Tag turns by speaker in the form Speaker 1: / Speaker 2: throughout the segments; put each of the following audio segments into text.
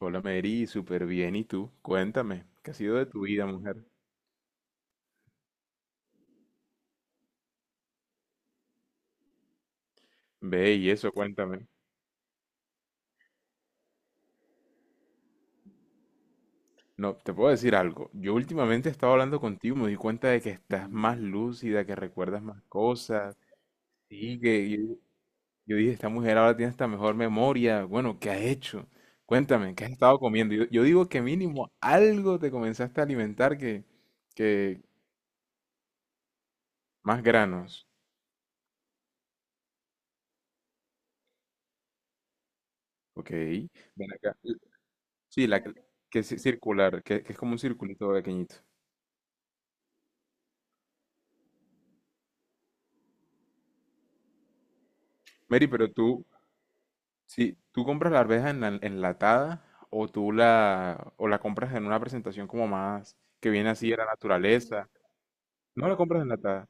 Speaker 1: Hola Mary, súper bien. ¿Y tú? Cuéntame, ¿qué ha sido de tu vida, mujer? Ve y eso, cuéntame. No, te puedo decir algo. Yo últimamente he estado hablando contigo, me di cuenta de que estás más lúcida, que recuerdas más cosas. Sí, que yo dije, esta mujer ahora tiene esta mejor memoria. Bueno, ¿qué has hecho? Cuéntame, ¿qué has estado comiendo? Yo digo que mínimo algo te comenzaste a alimentar que, que más granos. Ok, ven acá. Sí, la que es circular, que es como un circulito pequeñito. Mary, pero tú, si tú compras la arveja enlatada o la compras en una presentación como más que viene así de la naturaleza, no la compras enlatada.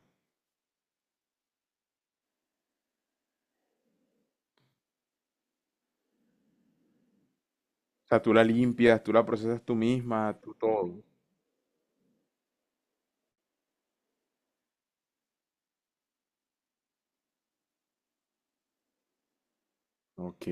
Speaker 1: O sea, tú la limpias, tú la procesas tú misma, tú todo. Ok.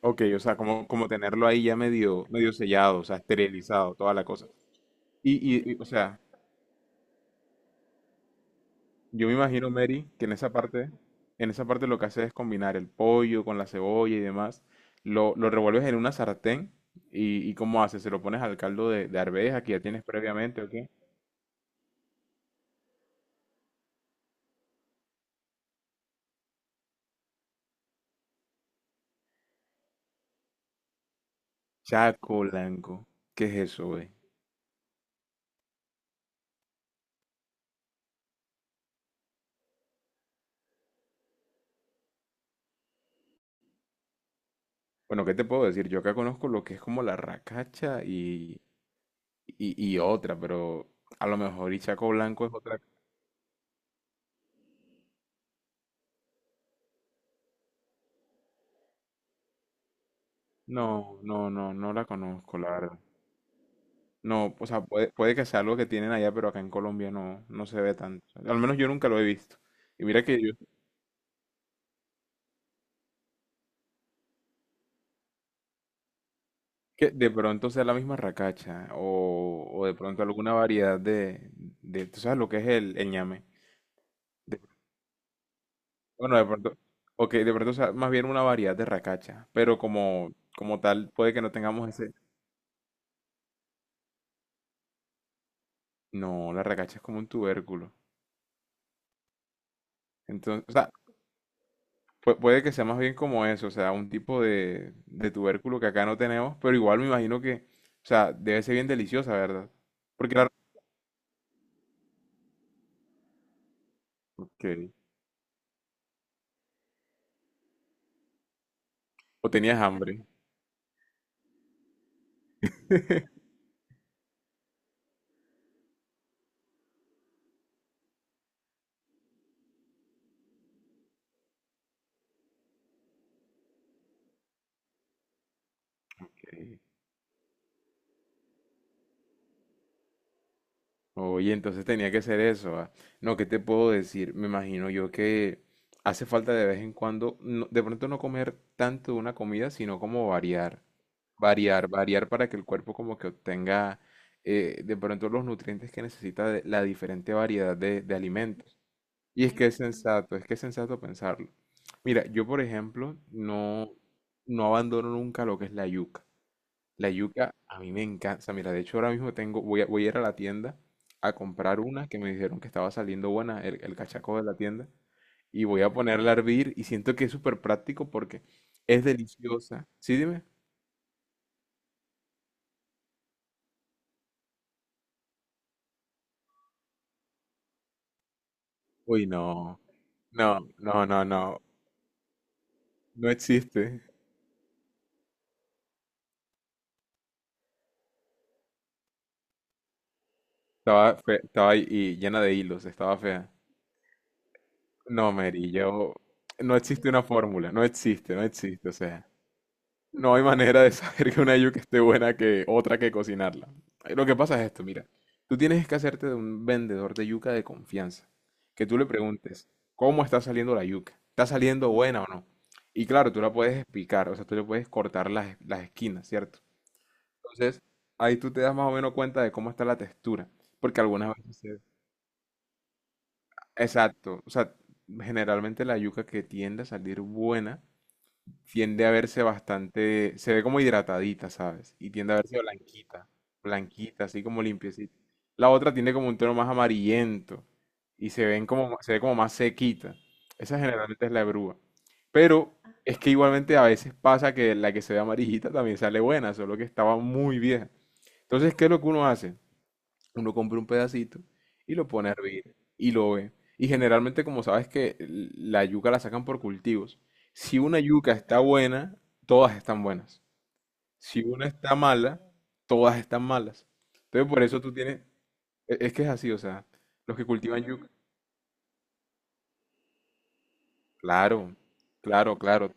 Speaker 1: Ok, o sea, como tenerlo ahí ya medio sellado, o sea, esterilizado, toda la cosa. Y, y, o sea, yo me imagino, Mary, que en esa parte lo que haces es combinar el pollo con la cebolla y demás. Lo revuelves en una sartén y ¿cómo haces? ¿Se lo pones al caldo de arveja que ya tienes previamente o qué? Chaco blanco. ¿Qué es eso, güey? Bueno, ¿qué te puedo decir? Yo acá conozco lo que es como la racacha y otra, pero a lo mejor y chaco blanco es otra. No, no, no, no la conozco, la verdad. No, o sea, puede que sea algo que tienen allá, pero acá en Colombia no, no se ve tanto. Al menos yo nunca lo he visto. Y mira que yo, que de pronto sea la misma racacha o de pronto alguna variedad tú sabes lo que es el ñame. Bueno, de pronto, o que de pronto sea más bien una variedad de racacha, pero como tal puede que no tengamos ese. No, la racacha es como un tubérculo. Entonces, o sea, puede que sea más bien como eso, o sea, un tipo de tubérculo que acá no tenemos, pero igual me imagino que, o sea, debe ser bien deliciosa, ¿verdad? Porque la... Ok. O tenías hambre. Ok. Oye, entonces tenía que ser eso. Ah. No, ¿qué te puedo decir? Me imagino yo que hace falta de vez en cuando, de pronto no comer tanto de una comida, sino como variar. Variar, variar para que el cuerpo como que obtenga de pronto los nutrientes que necesita de la diferente variedad de alimentos. Y es que es sensato, es que es sensato pensarlo. Mira, yo por ejemplo no, no abandono nunca lo que es la yuca. La yuca a mí me encanta. O sea, mira, de hecho ahora mismo tengo, voy a ir a la tienda a comprar una que me dijeron que estaba saliendo buena, el cachaco de la tienda, y voy a ponerla a hervir y siento que es súper práctico porque es deliciosa. ¿Sí, dime? Uy, no, no, no, no, no, no existe. Estaba, estaba ahí y llena de hilos, estaba fea. No, Mary, yo... No existe una fórmula, no existe, no existe. O sea, no hay manera de saber que una yuca esté buena que otra que cocinarla. Lo que pasa es esto, mira. Tú tienes que hacerte de un vendedor de yuca de confianza. Que tú le preguntes, ¿cómo está saliendo la yuca? ¿Está saliendo buena o no? Y claro, tú la puedes explicar, o sea, tú le puedes cortar las esquinas, ¿cierto? Entonces, ahí tú te das más o menos cuenta de cómo está la textura. Porque algunas veces... Exacto. O sea, generalmente la yuca que tiende a salir buena tiende a verse bastante, se ve como hidratadita, ¿sabes? Y tiende a verse blanquita, blanquita, así como limpiecita. La otra tiene como un tono más amarillento y se ven como, se ve como más sequita. Esa generalmente es la grúa. Pero es que igualmente a veces pasa que la que se ve amarillita también sale buena, solo que estaba muy vieja. Entonces, ¿qué es lo que uno hace? Uno compra un pedacito y lo pone a hervir y lo ve. Y generalmente, como sabes que la yuca la sacan por cultivos. Si una yuca está buena, todas están buenas. Si una está mala, todas están malas. Entonces, por eso tú tienes... Es que es así, o sea, los que cultivan yuca... Claro, claro, claro.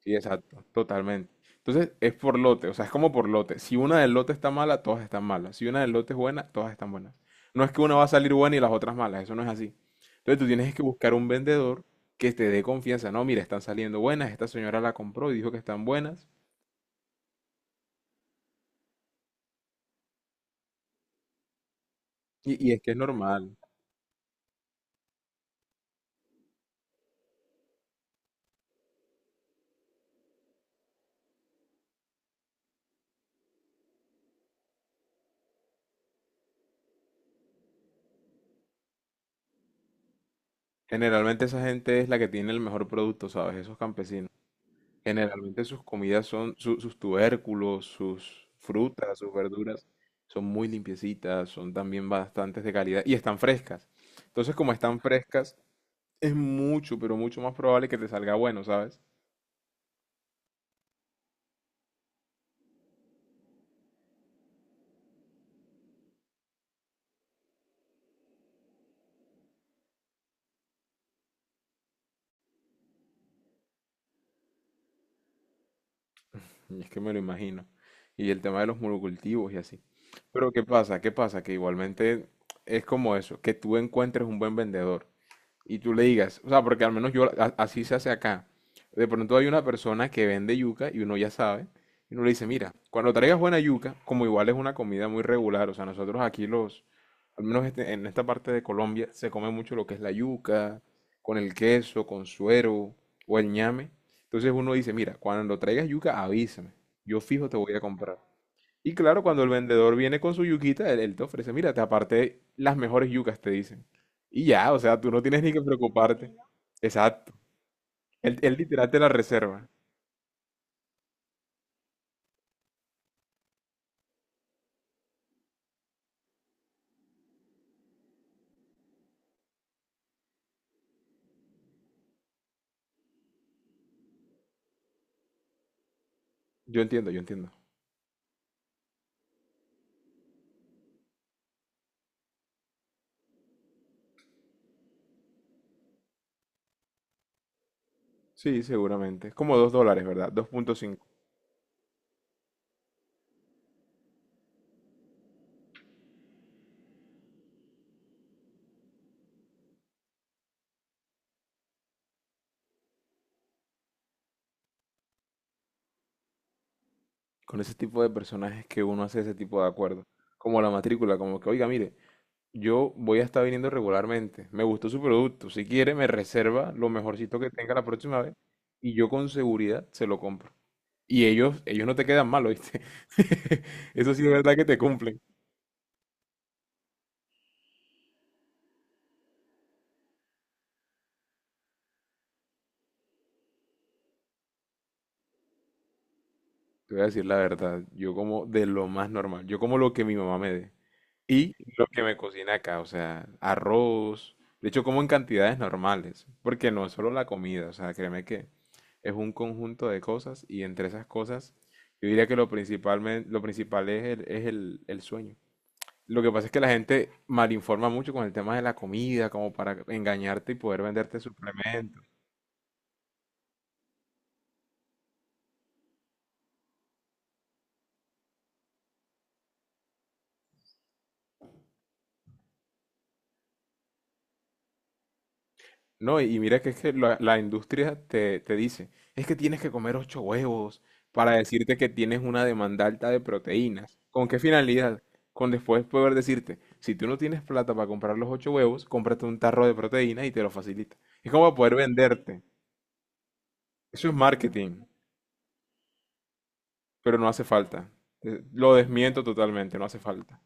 Speaker 1: Sí, exacto, totalmente. Entonces es por lote, o sea, es como por lote. Si una del lote está mala, todas están malas. Si una del lote es buena, todas están buenas. No es que una va a salir buena y las otras malas, eso no es así. Entonces tú tienes que buscar un vendedor que te dé confianza. No, mira, están saliendo buenas, esta señora la compró y dijo que están buenas. Y es que es normal. Generalmente esa gente es la que tiene el mejor producto, ¿sabes? Esos campesinos. Generalmente sus comidas son, sus tubérculos, sus frutas, sus verduras, son muy limpiecitas, son también bastantes de calidad y están frescas. Entonces, como están frescas, es mucho, pero mucho más probable que te salga bueno, ¿sabes? Y es que me lo imagino. Y el tema de los monocultivos y así. Pero ¿qué pasa? ¿Qué pasa? Que igualmente es como eso, que tú encuentres un buen vendedor. Y tú le digas, o sea, porque al menos yo así se hace acá. De pronto hay una persona que vende yuca y uno ya sabe, y uno le dice, mira, cuando traigas buena yuca, como igual es una comida muy regular, o sea, nosotros aquí los, al menos en esta parte de Colombia, se come mucho lo que es la yuca, con el queso, con suero o el ñame. Entonces uno dice, mira, cuando traigas yuca, avísame, yo fijo te voy a comprar. Y claro, cuando el vendedor viene con su yuquita, él te ofrece, mira, te aparté las mejores yucas, te dicen. Y ya, o sea, tú no tienes ni que preocuparte. Exacto. Él literal te la reserva. Yo entiendo, yo entiendo. Sí, seguramente. Es como $2, ¿verdad? 2.5. Con ese tipo de personajes que uno hace ese tipo de acuerdos. Como la matrícula, como que, oiga, mire, yo voy a estar viniendo regularmente. Me gustó su producto. Si quiere, me reserva lo mejorcito que tenga la próxima vez. Y yo con seguridad se lo compro. Y ellos no te quedan mal, ¿oíste? Eso sí es verdad que te cumplen. Te voy a decir la verdad, yo como de lo más normal, yo como lo que mi mamá me dé y lo que me cocina acá, o sea, arroz, de hecho como en cantidades normales, porque no es solo la comida, o sea, créeme que es un conjunto de cosas y entre esas cosas yo diría que lo principal es el sueño. Lo que pasa es que la gente malinforma mucho con el tema de la comida, como para engañarte y poder venderte suplementos. No, y mira que es que la industria te dice, es que tienes que comer ocho huevos para decirte que tienes una demanda alta de proteínas. ¿Con qué finalidad? Con después poder decirte, si tú no tienes plata para comprar los ocho huevos, cómprate un tarro de proteínas y te lo facilita. Es como para poder venderte. Eso es marketing, pero no hace falta. Lo desmiento totalmente, no hace falta.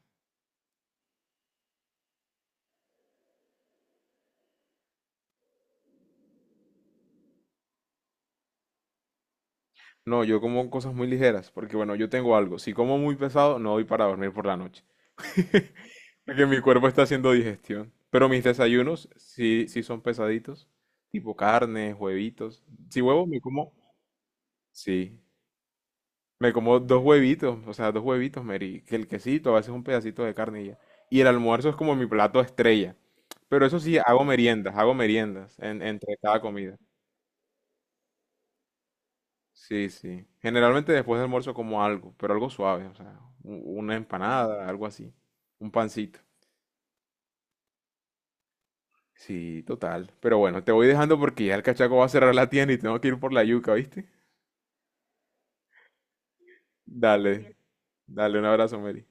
Speaker 1: No, yo como cosas muy ligeras, porque bueno, yo tengo algo. Si como muy pesado, no voy para dormir por la noche. Que mi cuerpo está haciendo digestión. Pero mis desayunos sí, sí son pesaditos. Tipo carne, huevitos. Si huevo me como, sí. Me como dos huevitos, o sea, dos huevitos, Mary. Que el quesito, a veces un pedacito de carne y ya. Y el almuerzo es como mi plato estrella. Pero eso sí, hago meriendas entre cada comida. Sí, sí. Generalmente después del almuerzo como algo, pero algo suave, o sea, una empanada, algo así. Un pancito. Sí, total. Pero bueno, te voy dejando porque ya el cachaco va a cerrar la tienda y tengo que ir por la yuca, ¿viste? Dale, dale, un abrazo, Mary.